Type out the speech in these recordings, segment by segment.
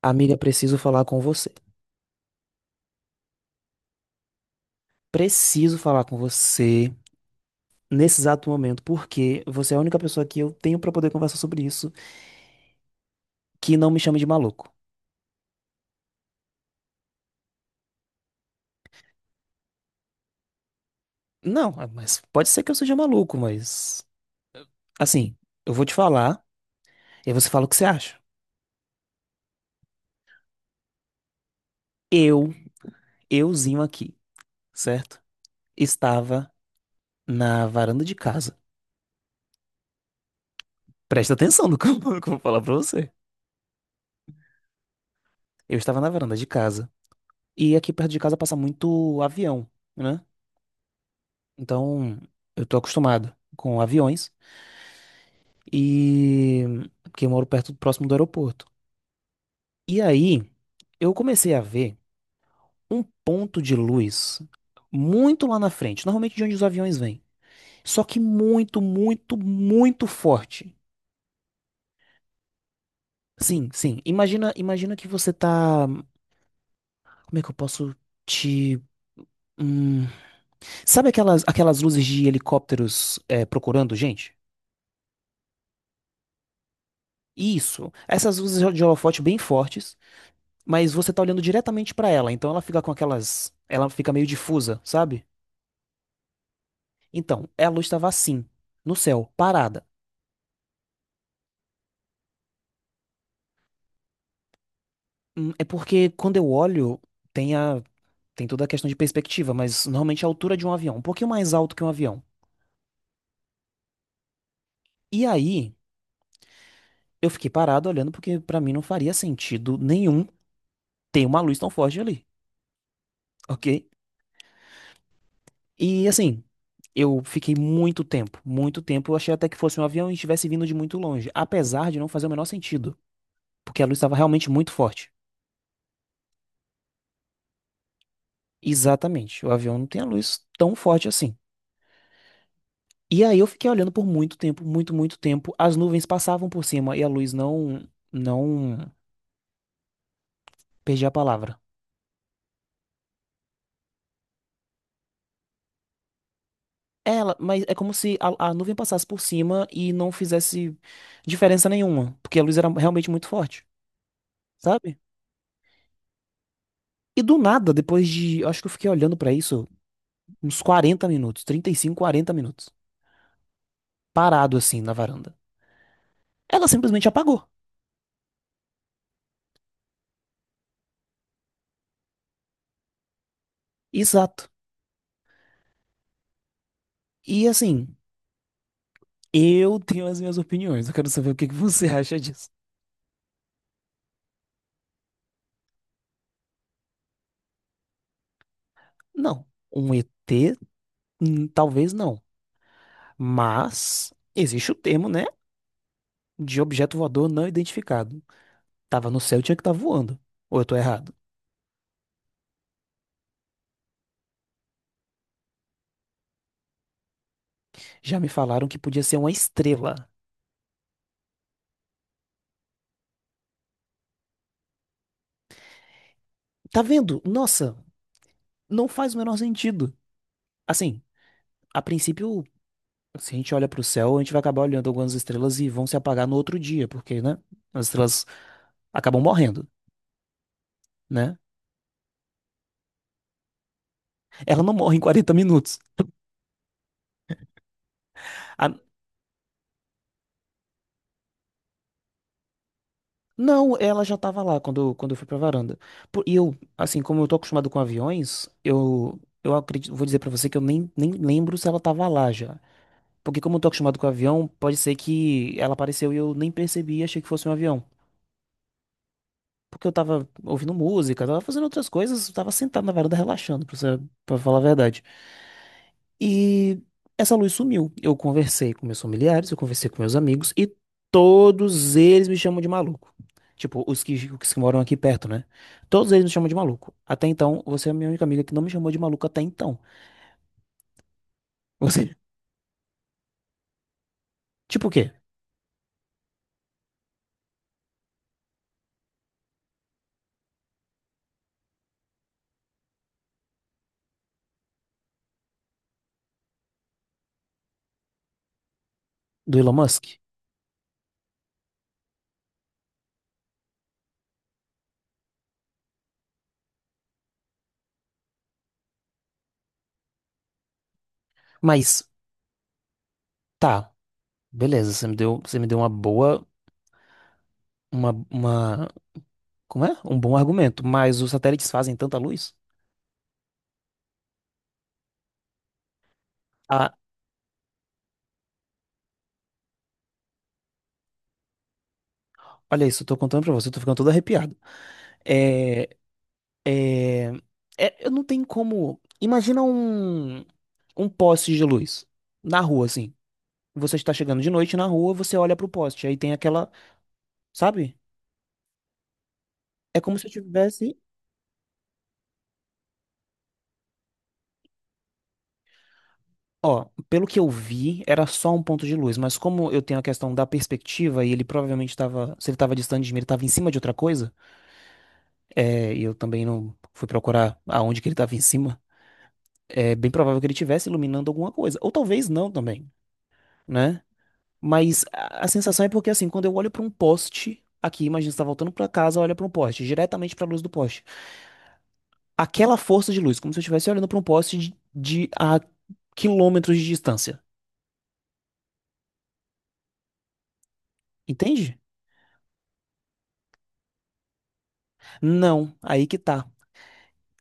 Amiga, preciso falar com você. Preciso falar com você nesse exato momento, porque você é a única pessoa que eu tenho pra poder conversar sobre isso que não me chame de maluco. Não, ah, mas pode ser que eu seja maluco, mas assim, eu vou te falar e aí você fala o que você acha. Eu, euzinho aqui, certo? Estava na varanda de casa. Presta atenção no que eu no que eu vou falar pra você. Eu estava na varanda de casa e aqui perto de casa passa muito avião, né? Então, eu tô acostumado com aviões. E Porque eu moro perto próximo do aeroporto. E aí eu comecei a ver um ponto de luz muito lá na frente, normalmente de onde os aviões vêm. Só que muito, muito, muito forte. Sim, sim. Imagina, imagina que você tá, como é que eu posso te, hum, sabe aquelas luzes de helicópteros é, procurando gente? Isso. Essas luzes de holofote bem fortes, mas você tá olhando diretamente pra ela, então ela fica com aquelas, ela fica meio difusa, sabe? Então, a luz estava assim, no céu, parada. É porque quando eu olho, tem a, tem toda a questão de perspectiva, mas normalmente a altura de um avião, um pouquinho mais alto que um avião. E aí, eu fiquei parado olhando porque pra mim não faria sentido nenhum ter uma luz tão forte ali, ok? E assim, eu fiquei muito tempo, eu achei até que fosse um avião e estivesse vindo de muito longe, apesar de não fazer o menor sentido, porque a luz estava realmente muito forte. Exatamente, o avião não tem a luz tão forte assim. E aí eu fiquei olhando por muito tempo, muito, muito tempo. As nuvens passavam por cima e a luz não, não, perdi a palavra. Ela, mas é como se a nuvem passasse por cima e não fizesse diferença nenhuma, porque a luz era realmente muito forte, sabe? E do nada, depois de, acho que eu fiquei olhando pra isso uns 40 minutos, 35 40 minutos, parado assim na varanda. Ela simplesmente apagou. Exato. E assim, eu tenho as minhas opiniões, eu quero saber o que que você acha disso. Não, um ET, hum, talvez não. Mas existe o termo, né? De objeto voador não identificado. Tava no céu, tinha que estar voando. Ou eu tô errado? Já me falaram que podia ser uma estrela. Tá vendo? Nossa, não faz o menor sentido. Assim, a princípio, se a gente olha pro céu, a gente vai acabar olhando algumas estrelas e vão se apagar no outro dia, porque, né? As estrelas acabam morrendo, né? Ela não morre em 40 minutos. A- Não, ela já tava lá quando, quando eu fui pra varanda. Pô, e eu, assim, como eu tô acostumado com aviões, eu acredito, vou dizer pra você que eu nem lembro se ela tava lá já. Porque como eu tô acostumado com avião, pode ser que ela apareceu e eu nem percebi e achei que fosse um avião. Porque eu tava ouvindo música, tava fazendo outras coisas, tava sentado na varanda relaxando, pra, pra falar a verdade. E essa luz sumiu. Eu conversei com meus familiares, eu conversei com meus amigos e todos eles me chamam de maluco. Tipo, os que moram aqui perto, né? Todos eles me chamam de maluco. Até então, você é a minha única amiga que não me chamou de maluco até então. Você, tipo o quê? Do Elon Musk? Mas, tá, beleza, você me deu uma boa, uma, como é? Um bom argumento, mas os satélites fazem tanta luz? Ah, olha isso, eu tô contando pra você, eu tô ficando todo arrepiado. É É, eu não tenho como. Imagina um, um poste de luz na rua, assim. Você está chegando de noite na rua, você olha pro poste, aí tem aquela, sabe? É como se eu tivesse. Ó, pelo que eu vi, era só um ponto de luz, mas como eu tenho a questão da perspectiva e ele provavelmente estava, se ele estava distante de mim, ele estava em cima de outra coisa, é, e eu também não fui procurar aonde que ele estava em cima, é bem provável que ele estivesse iluminando alguma coisa, ou talvez não também, né? Mas a sensação é porque, assim, quando eu olho pra um poste aqui, imagina você tá voltando pra casa, olha pra um poste, diretamente pra luz do poste. Aquela força de luz, como se eu estivesse olhando pra um poste de a quilômetros de distância. Entende? Não, aí que tá.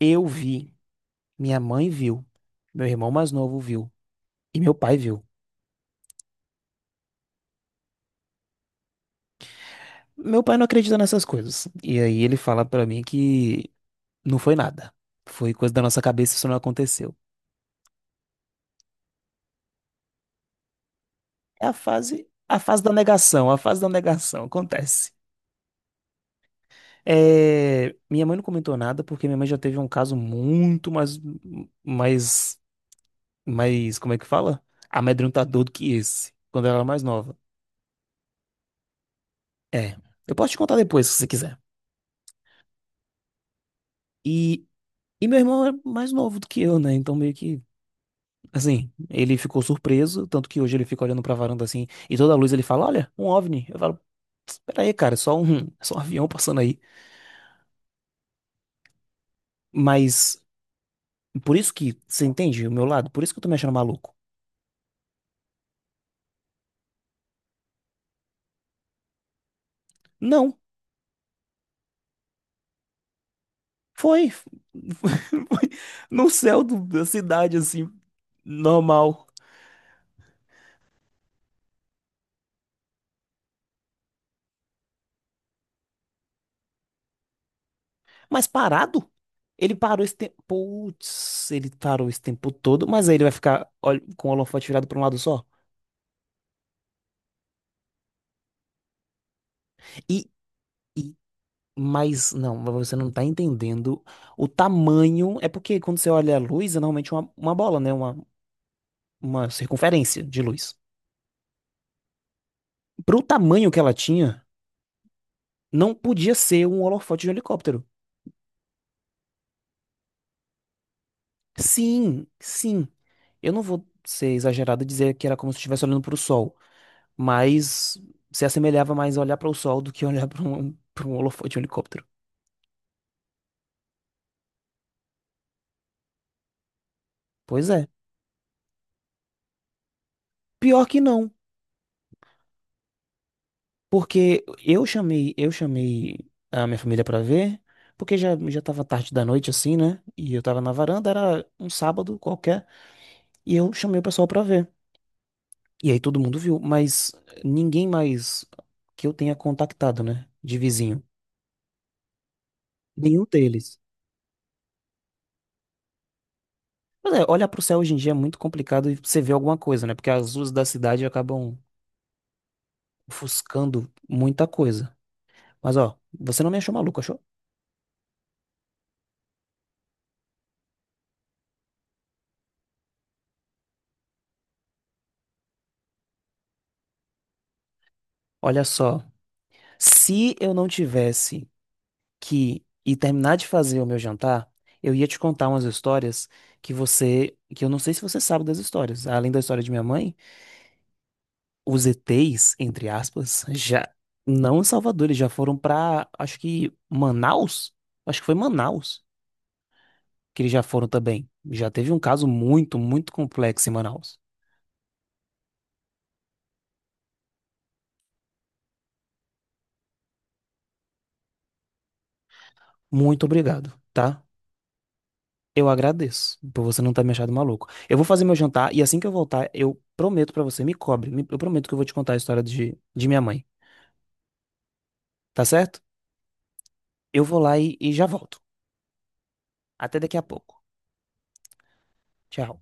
Eu vi, minha mãe viu, meu irmão mais novo viu e meu pai viu. Meu pai não acredita nessas coisas. E aí ele fala pra mim que não foi nada. Foi coisa da nossa cabeça, isso não aconteceu. É a fase da negação, a fase da negação acontece. É, minha mãe não comentou nada porque minha mãe já teve um caso muito mais, mais, mais, como é que fala? Amedrontador do que esse, quando ela era mais nova. É, eu posso te contar depois, se você quiser. E, e meu irmão é mais novo do que eu, né? Então meio que, assim, ele ficou surpreso, tanto que hoje ele fica olhando pra varanda assim, e toda a luz ele fala, olha, um OVNI. Eu falo, espera aí, cara, é só um avião passando aí. Mas, por isso que, você entende o meu lado? Por isso que eu tô me achando maluco. Não. Foi, foi no céu da cidade, assim, normal. Mas parado? Ele parou esse tempo. Putz, ele parou esse tempo todo, mas aí ele vai ficar olha, com o holofote virado para um lado só. E, e, mas não, mas você não tá entendendo o tamanho. É porque quando você olha a luz, é normalmente uma bola, né? Uma circunferência de luz. Pro tamanho que ela tinha, não podia ser um holofote de um helicóptero. Sim, sim. Eu não vou ser exagerado e dizer que era como se estivesse olhando para o sol, mas se assemelhava mais a olhar para o sol do que olhar para um holofote de um helicóptero. Pois é. Pior que não, porque eu chamei a minha família para ver, porque já já estava tarde da noite assim, né? E eu tava na varanda, era um sábado qualquer, e eu chamei o pessoal para ver. E aí todo mundo viu, mas ninguém mais que eu tenha contactado, né, de vizinho. Nenhum deles. Mas é, olhar pro céu hoje em dia é muito complicado e você ver alguma coisa, né? Porque as luzes da cidade acabam ofuscando muita coisa. Mas ó, você não me achou maluco, achou? Olha só, se eu não tivesse que ir terminar de fazer o meu jantar, eu ia te contar umas histórias que você, que eu não sei se você sabe das histórias. Além da história de minha mãe, os ETs, entre aspas, já não em Salvador, eles já foram pra, acho que Manaus? Acho que foi Manaus. Que eles já foram também. Já teve um caso muito, muito complexo em Manaus. Muito obrigado, tá? Eu agradeço por você não ter me achado maluco. Eu vou fazer meu jantar e assim que eu voltar, eu prometo pra você, me cobre, eu prometo que eu vou te contar a história de minha mãe, tá certo? Eu vou lá e já volto. Até daqui a pouco. Tchau.